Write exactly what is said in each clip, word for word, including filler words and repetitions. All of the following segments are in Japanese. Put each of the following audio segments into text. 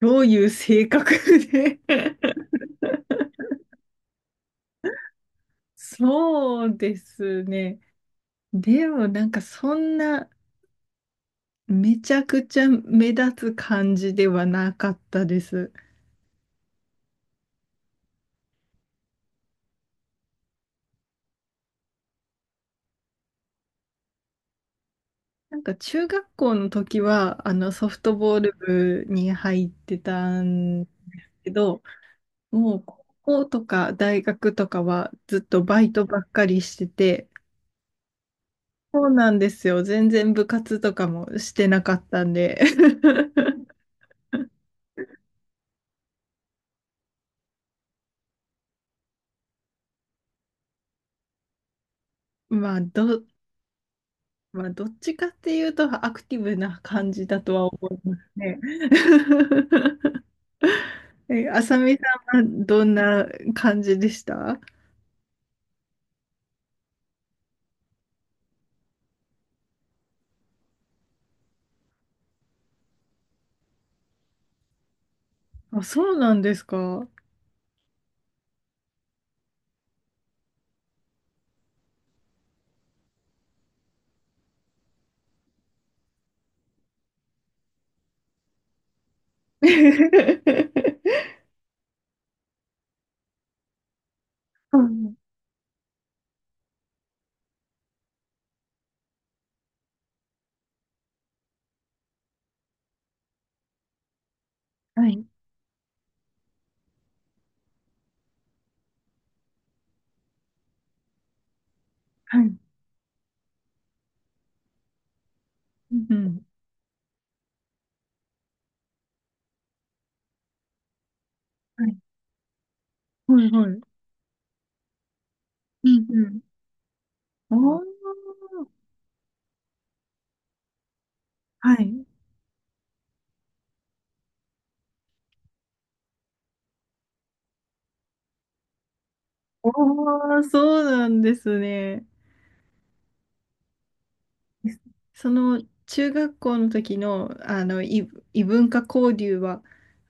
どういう性格で。 そうですね。でもなんかそんなめちゃくちゃ目立つ感じではなかったです。なんか中学校の時はあのソフトボール部に入ってたんけど、もう高校とか大学とかはずっとバイトばっかりしてて、そうなんですよ。全然部活とかもしてなかったんで。 まあど、まあ、どっちかっていうとアクティブな感じだとは思いますね。え、あさみさんはどんな感じでした？あ、そうなんですか。うん。はい、はい。うん。はい、はい、はい。うん、うん。おー、はい。おー、そうなんですね。その中学校の時の、あの、異、異文化交流は、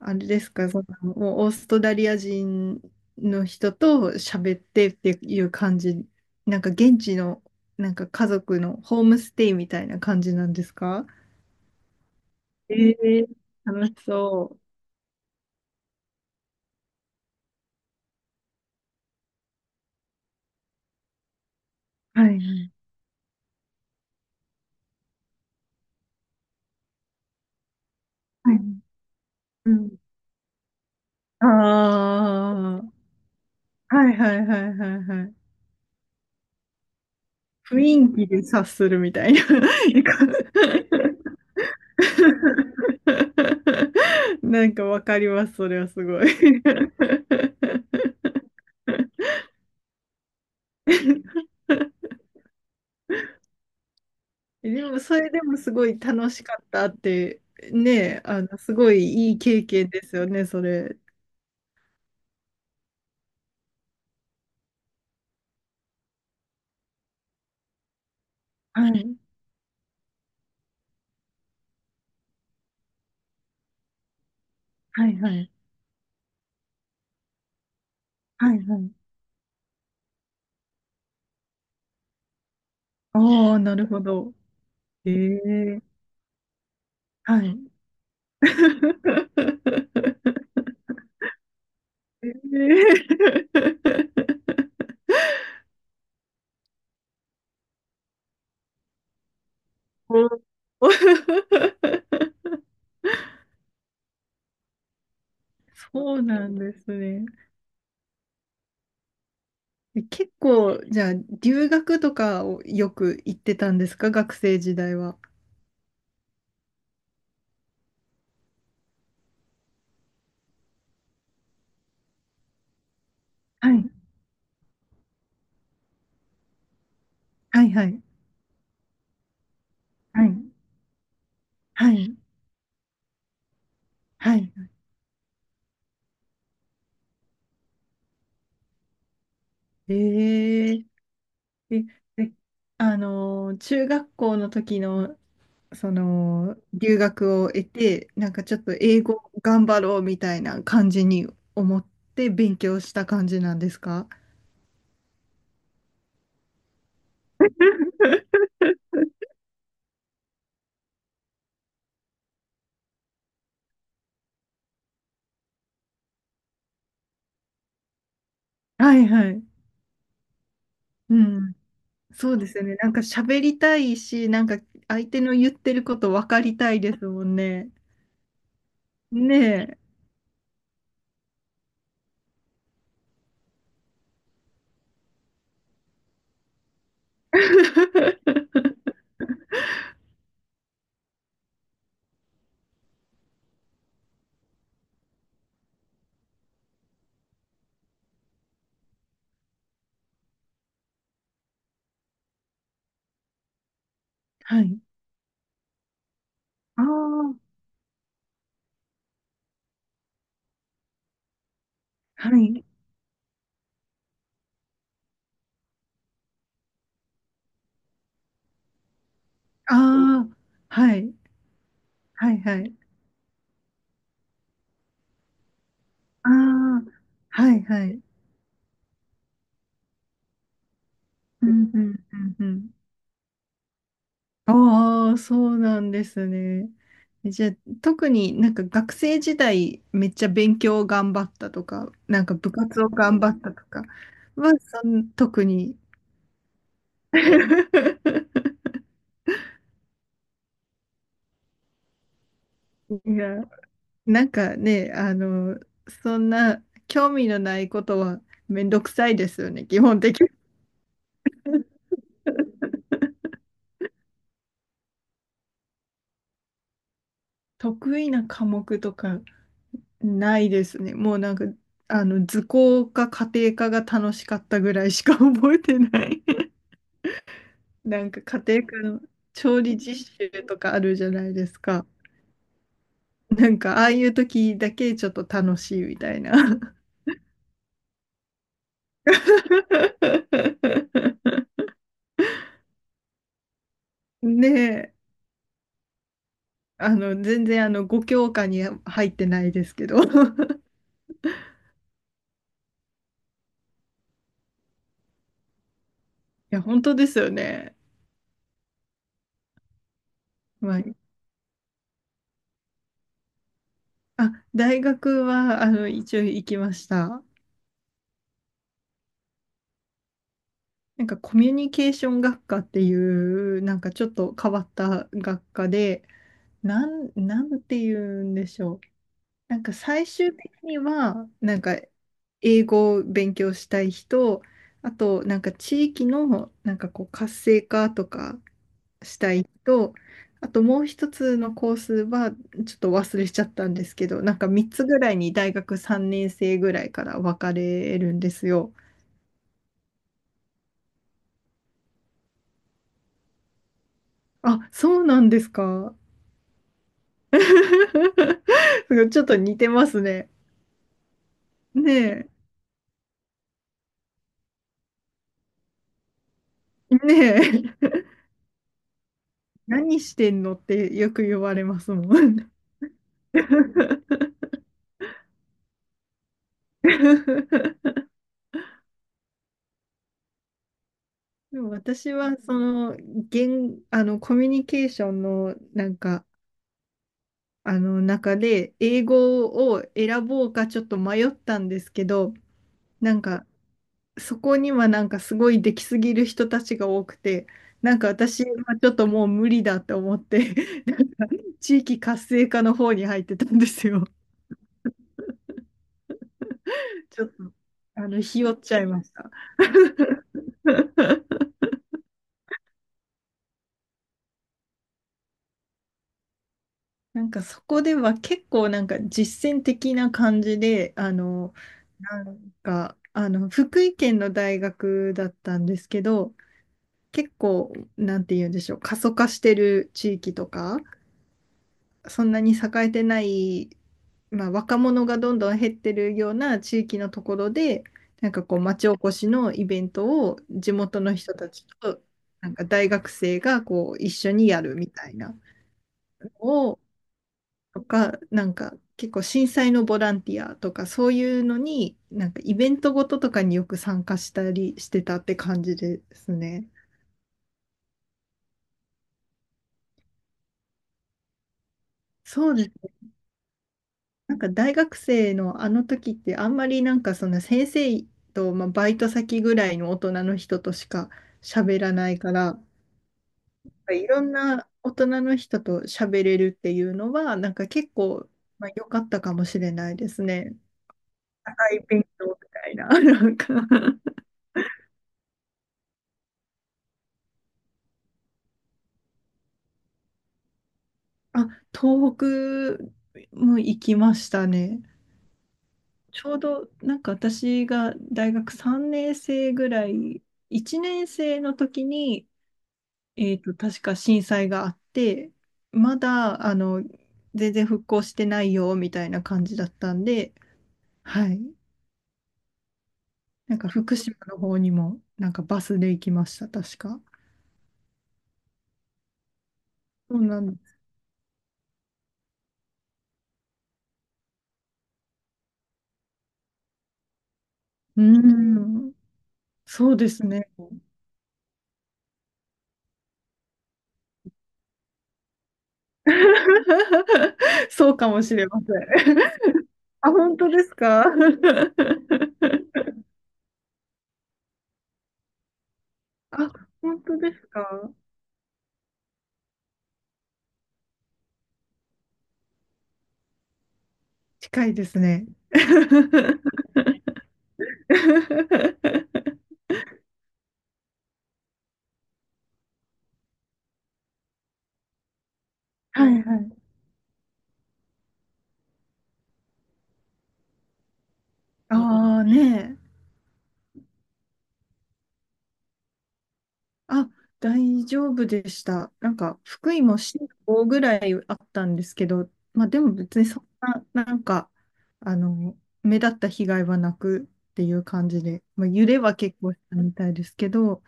あれですか、その、もうオーストラリア人の人と喋ってっていう感じ、なんか現地の、なんか家族のホームステイみたいな感じなんですか？えー楽しそう。はい。はい。うん。ああ、はいはいはいはいはい。雰囲気で察するみたいな。なんかわかります、それはすごい。でも、それでもすごい楽しかったって、ね、あの、すごいいい経験ですよね、それ。はい、はい、はい、はい、はい。ああ、なるほど。ええ、はい。ええお。 そうなんですね。結構、じゃあ、留学とかをよく行ってたんですか学生時代は？はい、はいはい。はい、はい、はい。えええ、えあのー、中学校の時の、その、留学を得て、なんかちょっと英語頑張ろうみたいな感じに思って勉強した感じなんですか？はいはい。うん。そうですよね。なんか喋りたいし、なんか相手の言ってること分かりたいですもんね。ねえ。はい。ああ、はい。ああ、はい。はいはい。ああ、はいはい。うんうんうんうん。ああ、そうなんですね。じゃあ、特になんか学生時代めっちゃ勉強頑張ったとか、なんか部活を頑張ったとかは、そん、特に。いや、なんかね、あの、そんな興味のないことはめんどくさいですよね、基本的。得意な科目とかないですね。もうなんか、あの、図工か家庭科が楽しかったぐらいしか覚えてない。なんか家庭科の調理実習とかあるじゃないですか。なんか、ああいう時だけちょっと楽しいみたいな。ねえ、あの、全然あの、ご教科に入ってないですけど。いや、本当ですよね。まあ、あ、大学は、あの、一応行きました。なんかコミュニケーション学科っていう、なんかちょっと変わった学科で、なん、なんて言うんでしょう。なんか最終的には、なんか英語を勉強したい人、あとなんか地域のなんかこう活性化とかしたい人、あともう一つのコースはちょっと忘れちゃったんですけど、なんかみっつぐらいに大学さんねん生ぐらいから分かれるんですよ。あ、そうなんですか。すごいちょっと似てますね。ねえ、ねえ、何してんのってよく言われますもん。でも私はその言、あのコミュニケーションのなんかあの中で英語を選ぼうかちょっと迷ったんですけど、なんかそこにはなんかすごいできすぎる人たちが多くて、なんか私はちょっともう無理だと思って、地域活性化の方に入ってたんですよ。ちょっと、あの、ひよっちゃいました。なんかそこでは結構なんか実践的な感じで、あの、なんか、あの、福井県の大学だったんですけど、結構、なんて言うんでしょう、過疎化してる地域とか、そんなに栄えてない、まあ、若者がどんどん減ってるような地域のところで、なんかこう、町おこしのイベントを地元の人たちと、なんか大学生がこう、一緒にやるみたいな。を、とか、なんか結構震災のボランティアとかそういうのに、なんかイベントごととかによく参加したりしてたって感じですね。そうですね。なんか大学生のあの時ってあんまりなんかその先生と、まあ、バイト先ぐらいの大人の人としか喋らないから、いろんな大人の人と喋れるっていうのは、なんか結構、まあ、良かったかもしれないですね。高い勉強みたいな、なんか。あ、東北も行きましたね。ちょうどなんか私が大学さんねん生ぐらい、いちねん生の時に、えっと、確か震災があって、まだ、あの、全然復興してないよ、みたいな感じだったんで、はい。なんか福島の方にも、なんかバスで行きました、確か。そうなんです。うーん、そうですね。そうかもしれません。あ、本当ですか？ あ、本当ですか？近いですね。はいはい。ああねえ。あ、大丈夫でした。なんか、福井も震度ぐらいあったんですけど、まあでも別にそんな、なんか、あの、目立った被害はなくっていう感じで、まあ、揺れは結構したみたいですけど、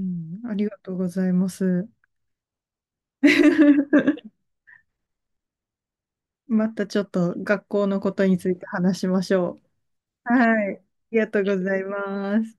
うん、ありがとうございます。またちょっと学校のことについて話しましょう。はい。ありがとうございます。